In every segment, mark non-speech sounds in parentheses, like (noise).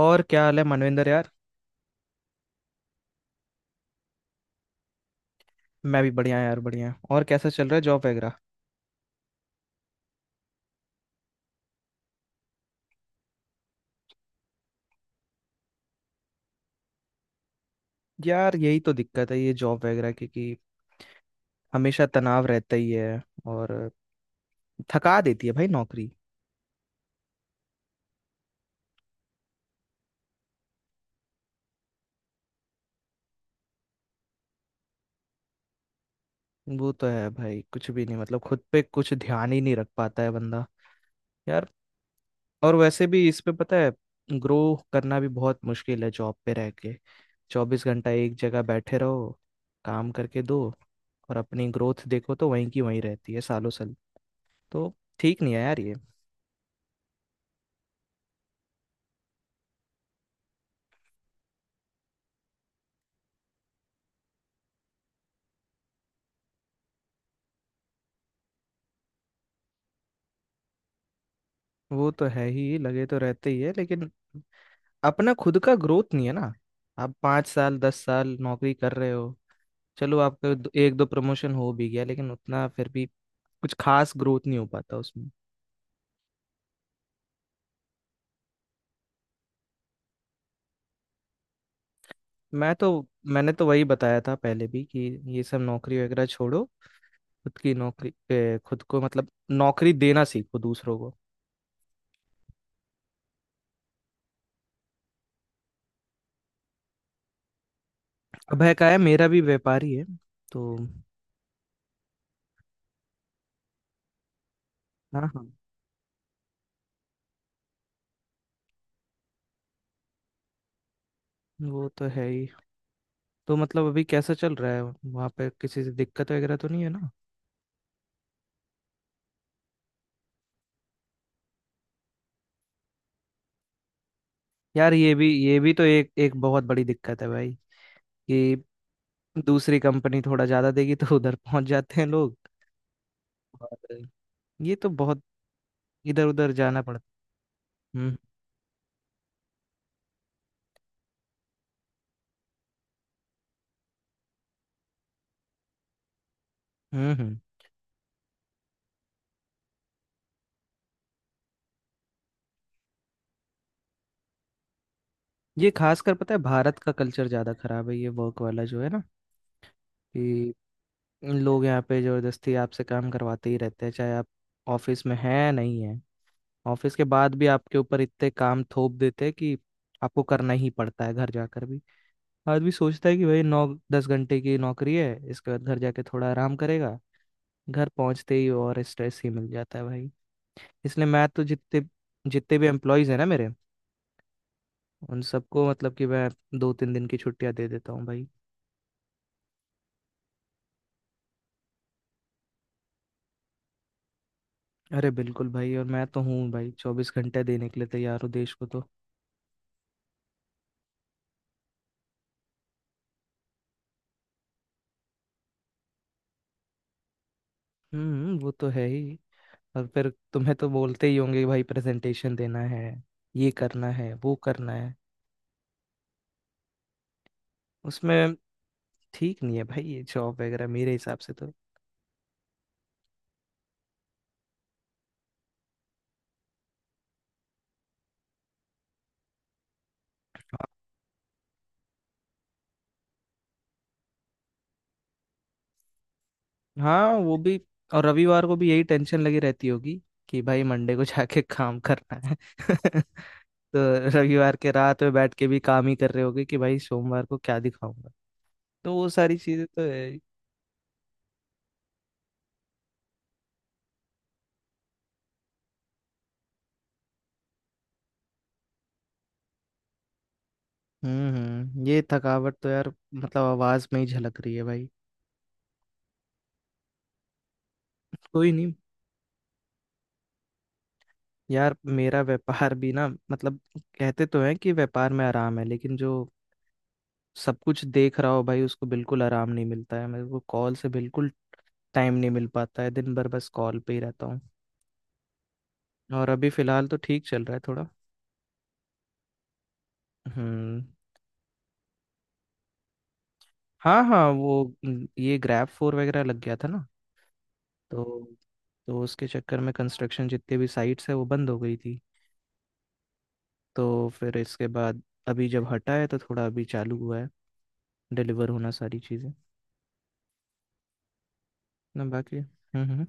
और क्या हाल है मनविंदर यार? मैं भी बढ़िया यार, बढ़िया। और कैसा चल रहा है जॉब वगैरह? यार, यही तो दिक्कत है ये जॉब वगैरह की कि हमेशा तनाव रहता ही है। और थका देती है भाई नौकरी। वो तो है भाई, कुछ भी नहीं मतलब खुद पे कुछ ध्यान ही नहीं रख पाता है बंदा यार। और वैसे भी इस पे पता है, ग्रो करना भी बहुत मुश्किल है जॉब पे रह के। 24 घंटा एक जगह बैठे रहो, काम करके दो, और अपनी ग्रोथ देखो तो वहीं की वहीं रहती है सालों साल। तो ठीक नहीं है यार ये। वो तो है ही, लगे तो रहते ही है, लेकिन अपना खुद का ग्रोथ नहीं है ना। आप 5 साल 10 साल नौकरी कर रहे हो, चलो आपका एक दो प्रमोशन हो भी गया, लेकिन उतना फिर भी कुछ खास ग्रोथ नहीं हो पाता उसमें। मैं तो मैंने तो वही बताया था पहले भी कि ये सब नौकरी वगैरह छोड़ो। खुद की नौकरी खुद को मतलब नौकरी देना सीखो दूसरों को। अभय का है, मेरा भी व्यापारी है तो। हाँ हाँ। वो तो है ही। तो मतलब अभी कैसा चल रहा है वहाँ पे, किसी से दिक्कत वगैरह तो नहीं है ना? यार, ये भी तो एक एक बहुत बड़ी दिक्कत है भाई, कि दूसरी कंपनी थोड़ा ज्यादा देगी तो उधर पहुंच जाते हैं लोग। और ये तो बहुत इधर उधर जाना पड़ता है। हम्म, हम्म, ये खासकर पता है, भारत का कल्चर ज्यादा खराब है ये वर्क वाला जो है ना, कि लोग यहाँ पे जबरदस्ती आपसे काम करवाते ही रहते हैं, चाहे आप ऑफिस में हैं नहीं है। ऑफिस के बाद भी आपके ऊपर इतने काम थोप देते हैं कि आपको करना ही पड़ता है घर जाकर भी। आदमी सोचता है कि भाई 9-10 घंटे की नौकरी है, इसके बाद घर जाके थोड़ा आराम करेगा। घर पहुंचते ही और स्ट्रेस ही मिल जाता है भाई। इसलिए मैं तो जितने जितने भी एम्प्लॉयज हैं ना मेरे, उन सबको मतलब कि मैं 2-3 दिन की छुट्टियां दे देता हूँ भाई। अरे बिल्कुल भाई। और मैं तो हूँ भाई, 24 घंटे देने के लिए तैयार हूँ देश को तो। हम्म, वो तो है ही। और फिर तुम्हें तो बोलते ही होंगे कि भाई प्रेजेंटेशन देना है, ये करना है, वो करना है उसमें। ठीक नहीं है भाई ये जॉब वगैरह मेरे हिसाब से तो। हाँ वो भी। और रविवार को भी यही टेंशन लगी रहती होगी कि भाई मंडे को (laughs) जाके काम करना है। (laughs) तो रविवार के रात में बैठ के भी काम ही कर रहे होगे कि भाई सोमवार को क्या दिखाऊंगा। तो वो सारी चीजें तो है ही। हम्म, हम्म। ये थकावट तो यार, मतलब आवाज में ही झलक रही है भाई। कोई नहीं। यार मेरा व्यापार भी ना, मतलब कहते तो हैं कि व्यापार में आराम है, लेकिन जो सब कुछ देख रहा हो भाई उसको बिल्कुल आराम नहीं मिलता है। मेरे को कॉल से बिल्कुल टाइम नहीं मिल पाता है, दिन भर बस कॉल पे ही रहता हूँ। और अभी फिलहाल तो ठीक चल रहा है थोड़ा। हम्म। हाँ हाँ। वो न- ये ग्रैब फोर वगैरह लग गया था ना। तो तो उसके चक्कर में कंस्ट्रक्शन जितने भी साइट्स है वो बंद हो गई थी। तो फिर इसके बाद अभी जब हटा है तो थोड़ा अभी चालू हुआ है, डिलीवर होना सारी चीज़ें ना बाकी। हम्म, हम्म।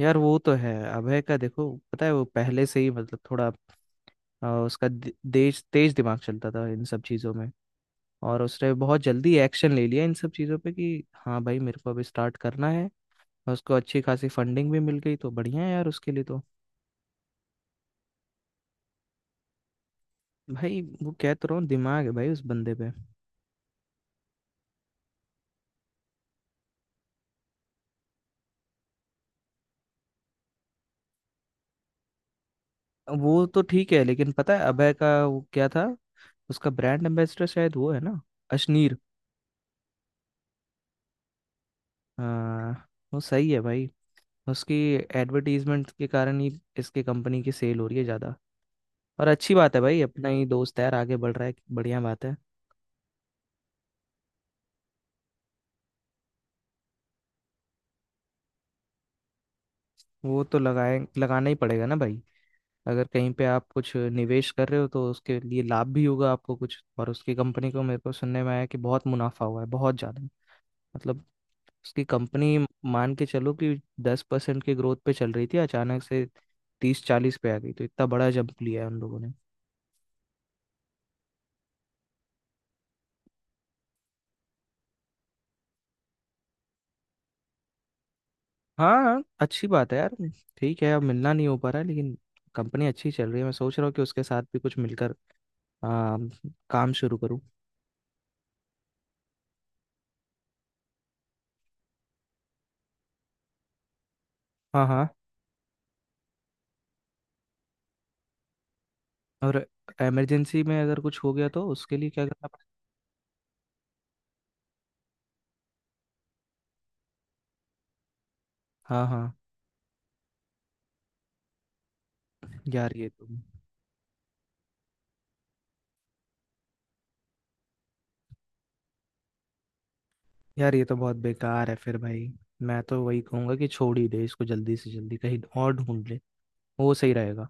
यार वो तो है, अभय का देखो पता है वो पहले से ही मतलब थोड़ा, उसका तेज तेज दिमाग चलता था इन सब चीज़ों में। और उसने बहुत जल्दी एक्शन ले लिया इन सब चीज़ों पे कि हाँ भाई मेरे को अब स्टार्ट करना है। और उसको अच्छी खासी फंडिंग भी मिल गई, तो बढ़िया है यार उसके लिए तो। भाई वो कह तो रहा हूँ, दिमाग है भाई उस बंदे पे। वो तो ठीक है, लेकिन पता है अभय का वो क्या था, उसका ब्रांड एम्बेसडर शायद वो है ना, अशनीर। आ, वो सही है भाई। उसकी एडवर्टीजमेंट के कारण ही इसके कंपनी की सेल हो रही है ज़्यादा। और अच्छी बात है भाई, अपना ही दोस्त है यार, आगे बढ़ रहा है, बढ़िया बात है। वो तो लगाए, लगाना ही पड़ेगा ना भाई। अगर कहीं पे आप कुछ निवेश कर रहे हो तो उसके लिए लाभ भी होगा आपको कुछ। और उसकी कंपनी को मेरे को सुनने में आया कि बहुत मुनाफा हुआ है, बहुत ज़्यादा, मतलब उसकी कंपनी, मान के चलो कि 10% की ग्रोथ पे चल रही थी, अचानक से 30-40 पे आ गई। तो इतना बड़ा जंप लिया है उन लोगों ने। हाँ अच्छी बात है यार। ठीक है, अब मिलना नहीं हो पा रहा है, लेकिन कंपनी अच्छी चल रही है, मैं सोच रहा हूँ कि उसके साथ भी कुछ मिलकर आ, काम शुरू करूँ। हाँ हाँ। और इमरजेंसी में अगर कुछ हो गया तो उसके लिए क्या करना पड़ेगा? हाँ हाँ। यार ये तो यार ये तो बहुत बेकार है फिर भाई। मैं तो वही कहूंगा कि छोड़ ही दे इसको, जल्दी से जल्दी कहीं और ढूंढ ले, वो सही रहेगा।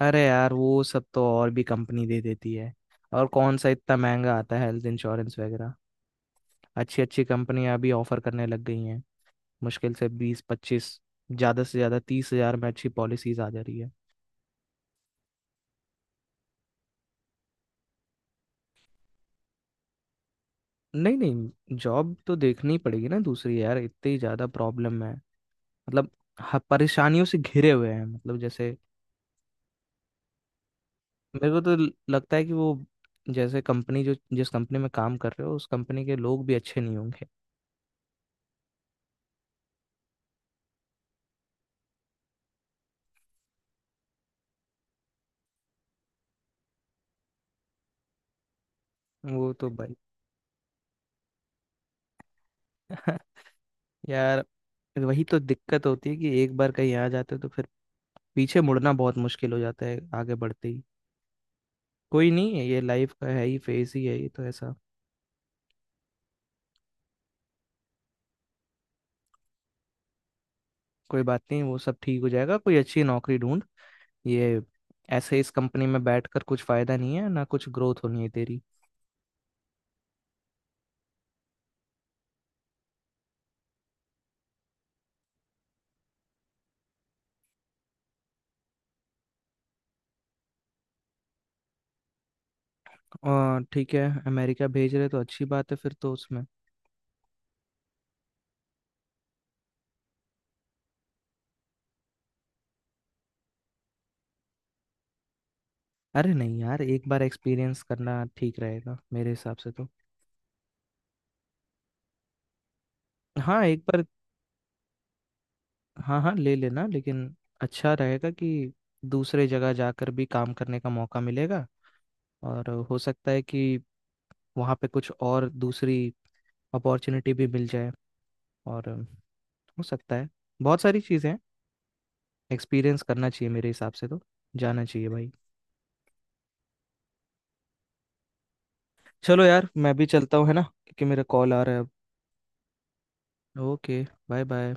अरे यार, वो सब तो और भी कंपनी दे देती है। और कौन सा इतना महंगा आता है हेल्थ इंश्योरेंस वगैरह, अच्छी अच्छी कंपनियां भी ऑफर करने लग गई हैं, मुश्किल से 20-25, ज़्यादा से ज़्यादा 30,000 में अच्छी पॉलिसीज आ जा रही है। नहीं नहीं, जॉब तो देखनी पड़ेगी ना दूसरी, यार इतनी ज़्यादा प्रॉब्लम है मतलब, परेशानियों से घिरे हुए हैं मतलब, जैसे मेरे को तो लगता है कि वो, जैसे कंपनी जो, जिस कंपनी में काम कर रहे हो उस कंपनी के लोग भी अच्छे नहीं होंगे। वो तो भाई। (laughs) यार वही तो दिक्कत होती है कि एक बार कहीं आ जाते हो तो फिर पीछे मुड़ना बहुत मुश्किल हो जाता है, आगे बढ़ते ही। कोई नहीं, ये लाइफ का है ही, फेज ही है ये तो ऐसा। कोई बात नहीं, वो सब ठीक हो जाएगा, कोई अच्छी नौकरी ढूंढ ये। ऐसे इस कंपनी में बैठकर कुछ फायदा नहीं है ना, कुछ ग्रोथ होनी है तेरी। और ठीक है, अमेरिका भेज रहे तो अच्छी बात है फिर तो उसमें। अरे नहीं यार, एक बार एक्सपीरियंस करना ठीक रहेगा मेरे हिसाब से तो। हाँ एक बार। हाँ हाँ ले लेना, लेकिन अच्छा रहेगा कि दूसरे जगह जाकर भी काम करने का मौका मिलेगा। और हो सकता है कि वहाँ पे कुछ और दूसरी अपॉर्चुनिटी भी मिल जाए। और हो सकता है, बहुत सारी चीज़ें हैं, एक्सपीरियंस करना चाहिए मेरे हिसाब से तो, जाना चाहिए भाई। चलो यार, मैं भी चलता हूँ है ना, क्योंकि मेरा कॉल आ रहा है। ओके। Bye bye.